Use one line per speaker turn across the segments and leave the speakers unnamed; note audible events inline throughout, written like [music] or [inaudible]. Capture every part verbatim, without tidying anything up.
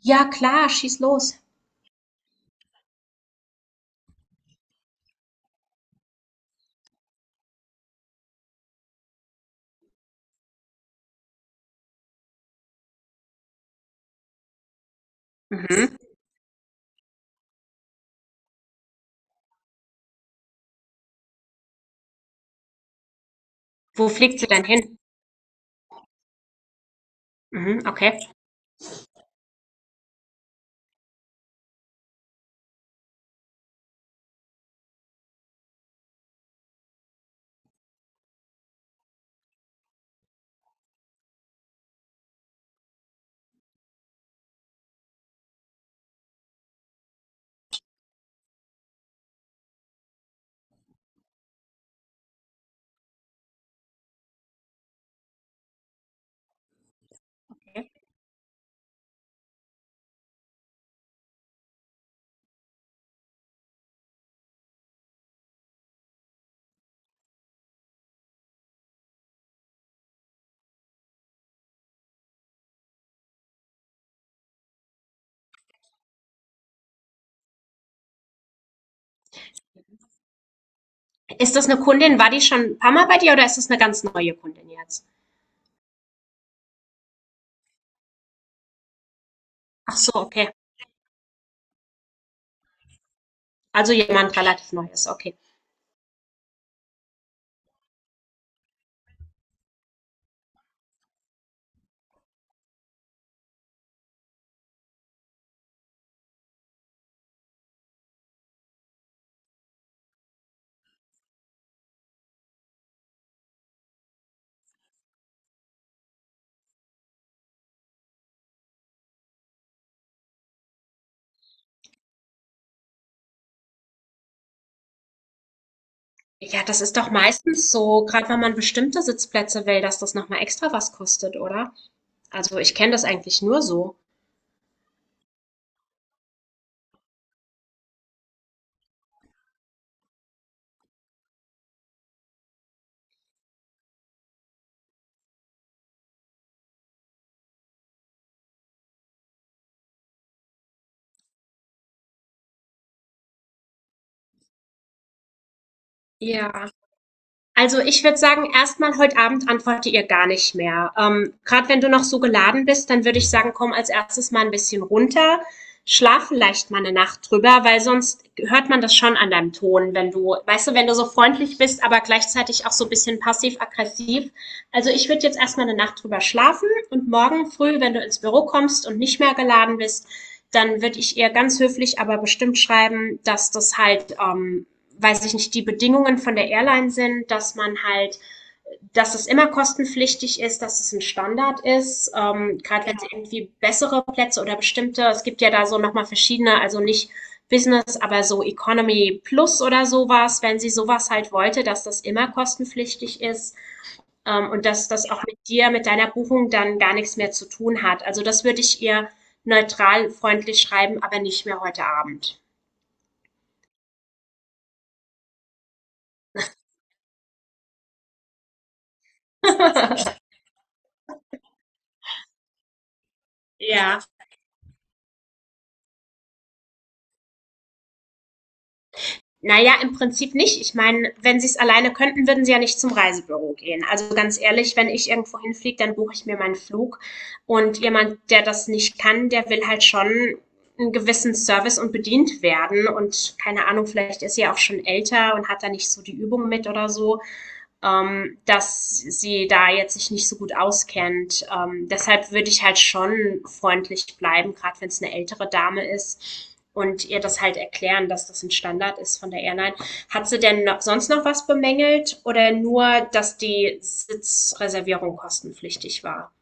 Ja klar, schieß los. Mhm. Wo fliegt sie denn hin? Mhm, okay. Ist das eine Kundin? War die schon ein paar Mal bei dir oder ist das eine ganz neue Kundin jetzt? Ach so, okay. Also jemand relativ Neues, okay. Ja, das ist doch meistens so, gerade wenn man bestimmte Sitzplätze will, dass das nochmal extra was kostet, oder? Also ich kenne das eigentlich nur so. Also ich würde sagen, erstmal heute Abend antworte ihr gar nicht mehr. Ähm, Gerade wenn du noch so geladen bist, dann würde ich sagen, komm als erstes mal ein bisschen runter, schlaf vielleicht mal eine Nacht drüber, weil sonst hört man das schon an deinem Ton, wenn du, weißt du, wenn du so freundlich bist, aber gleichzeitig auch so ein bisschen passiv-aggressiv. Also ich würde jetzt erstmal eine Nacht drüber schlafen und morgen früh, wenn du ins Büro kommst und nicht mehr geladen bist, dann würde ich ihr ganz höflich, aber bestimmt schreiben, dass das halt ähm, weiß ich nicht, die Bedingungen von der Airline sind, dass man halt, dass es immer kostenpflichtig ist, dass es ein Standard ist, ähm, gerade wenn es irgendwie bessere Plätze oder bestimmte, es gibt ja da so nochmal verschiedene, also nicht Business, aber so Economy Plus oder sowas, wenn sie sowas halt wollte, dass das immer kostenpflichtig ist, ähm, und dass das auch mit dir, mit deiner Buchung dann gar nichts mehr zu tun hat. Also das würde ich ihr neutral, freundlich schreiben, aber nicht mehr heute Abend. [laughs] Ja, naja, im Prinzip nicht. Ich meine, wenn sie es alleine könnten, würden sie ja nicht zum Reisebüro gehen. Also ganz ehrlich, wenn ich irgendwo hinfliege, dann buche ich mir meinen Flug. Und jemand, der das nicht kann, der will halt schon einen gewissen Service und bedient werden. Und keine Ahnung, vielleicht ist sie ja auch schon älter und hat da nicht so die Übung mit oder so, ähm, dass sie da jetzt sich nicht so gut auskennt. Ähm, deshalb würde ich halt schon freundlich bleiben, gerade wenn es eine ältere Dame ist und ihr das halt erklären, dass das ein Standard ist von der Airline. Hat sie denn noch, sonst noch was bemängelt oder nur, dass die Sitzreservierung kostenpflichtig war?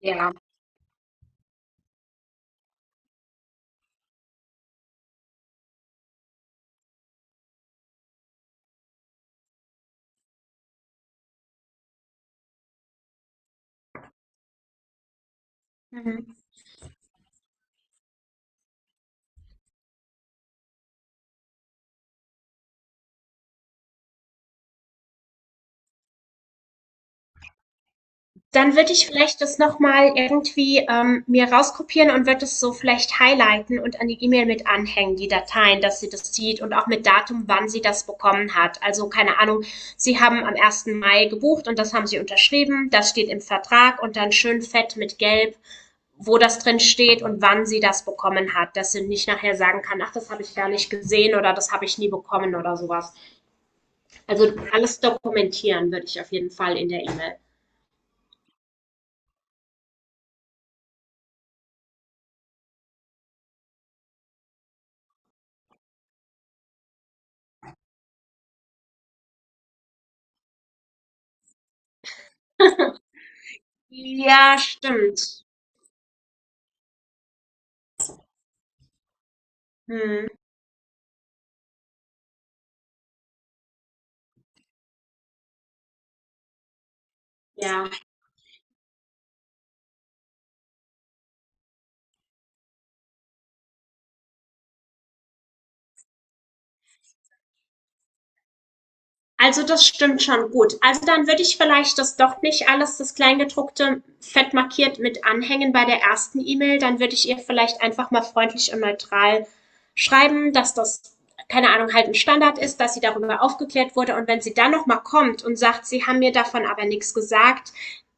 Ja. Mhm. Dann würde ich vielleicht das noch mal irgendwie, ähm, mir rauskopieren und würde es so vielleicht highlighten und an die E-Mail mit anhängen, die Dateien, dass sie das sieht und auch mit Datum, wann sie das bekommen hat. Also keine Ahnung, Sie haben am ersten Mai gebucht und das haben Sie unterschrieben, das steht im Vertrag und dann schön fett mit Gelb, wo das drin steht und wann sie das bekommen hat, dass sie nicht nachher sagen kann, ach, das habe ich gar nicht gesehen oder das habe ich nie bekommen oder sowas. Also alles dokumentieren würde ich auf jeden Fall in der E-Mail. Ja, stimmt. Mhm. Ja. Also das stimmt schon gut. Also dann würde ich vielleicht das doch nicht alles, das Kleingedruckte, fett markiert mit anhängen bei der ersten E-Mail. Dann würde ich ihr vielleicht einfach mal freundlich und neutral schreiben, dass das, keine Ahnung, halt ein Standard ist, dass sie darüber aufgeklärt wurde. Und wenn sie dann nochmal kommt und sagt, sie haben mir davon aber nichts gesagt,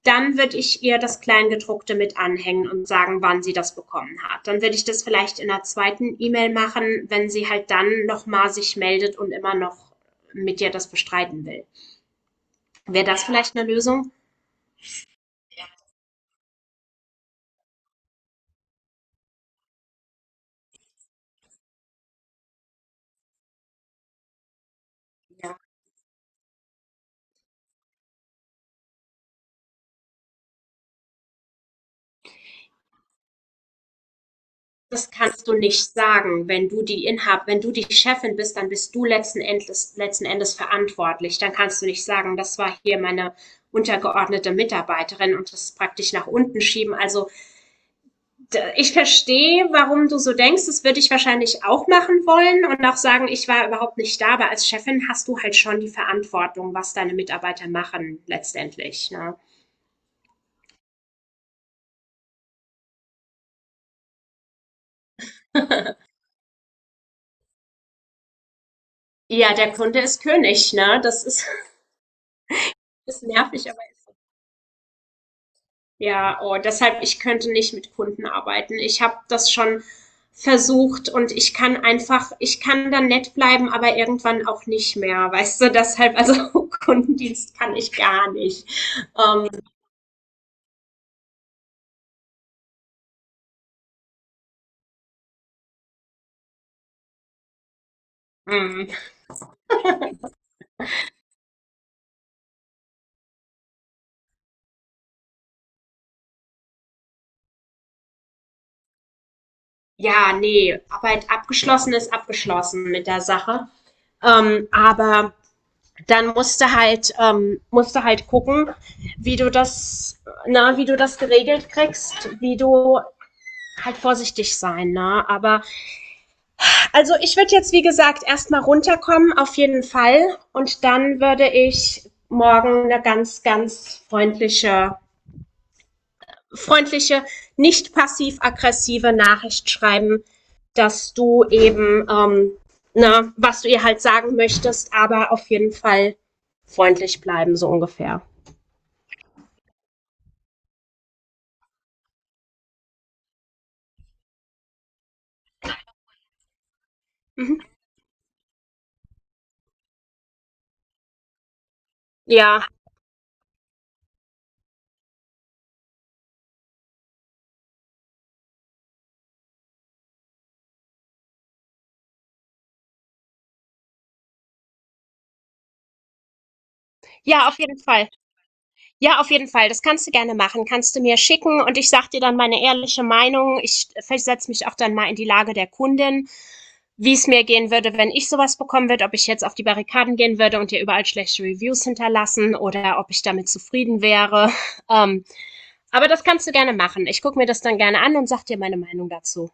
dann würde ich ihr das Kleingedruckte mit anhängen und sagen, wann sie das bekommen hat. Dann würde ich das vielleicht in der zweiten E-Mail machen, wenn sie halt dann nochmal sich meldet und immer noch mit dir das bestreiten will. Wäre das vielleicht eine Lösung? Ja. Das kannst du nicht sagen, wenn du die Inhab, wenn du die Chefin bist, dann bist du letzten Endes, letzten Endes verantwortlich. Dann kannst du nicht sagen, das war hier meine untergeordnete Mitarbeiterin und das praktisch nach unten schieben. Also ich verstehe, warum du so denkst. Das würde ich wahrscheinlich auch machen wollen und auch sagen, ich war überhaupt nicht da, aber als Chefin hast du halt schon die Verantwortung, was deine Mitarbeiter machen letztendlich. Ne? Ja, der Kunde ist König, ne? Das ist ist nervig, aber ja, oh, deshalb, ich könnte nicht mit Kunden arbeiten. Ich habe das schon versucht und ich kann einfach, ich kann dann nett bleiben, aber irgendwann auch nicht mehr. Weißt du, deshalb, also [laughs] Kundendienst kann ich gar nicht. Ähm, mm, ja, nee, Arbeit abgeschlossen ist abgeschlossen mit der Sache. Ähm, aber dann musst du halt, ähm, musst du halt gucken, wie du das, na, wie du das geregelt kriegst, wie du halt vorsichtig sein, ne? Aber also ich würde jetzt, wie gesagt, erstmal runterkommen, auf jeden Fall. Und dann würde ich morgen eine ganz, ganz freundliche, freundliche, nicht passiv-aggressive Nachricht schreiben, dass du eben, ähm, ne, was du ihr halt sagen möchtest, aber auf jeden Fall freundlich bleiben, so ungefähr. Mhm. Ja, ja, auf jeden Fall. Ja, auf jeden Fall. Das kannst du gerne machen. Kannst du mir schicken und ich sag dir dann meine ehrliche Meinung. Ich versetze mich auch dann mal in die Lage der Kundin. Wie es mir gehen würde, wenn ich sowas bekommen würde, ob ich jetzt auf die Barrikaden gehen würde und ihr überall schlechte Reviews hinterlassen oder ob ich damit zufrieden wäre. [laughs] Ähm, aber das kannst du gerne machen. Ich gucke mir das dann gerne an und sag dir meine Meinung dazu.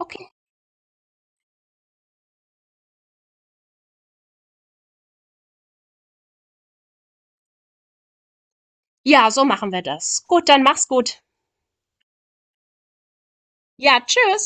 Okay. Ja, so machen wir das. Gut, dann mach's gut. Ja, tschüss.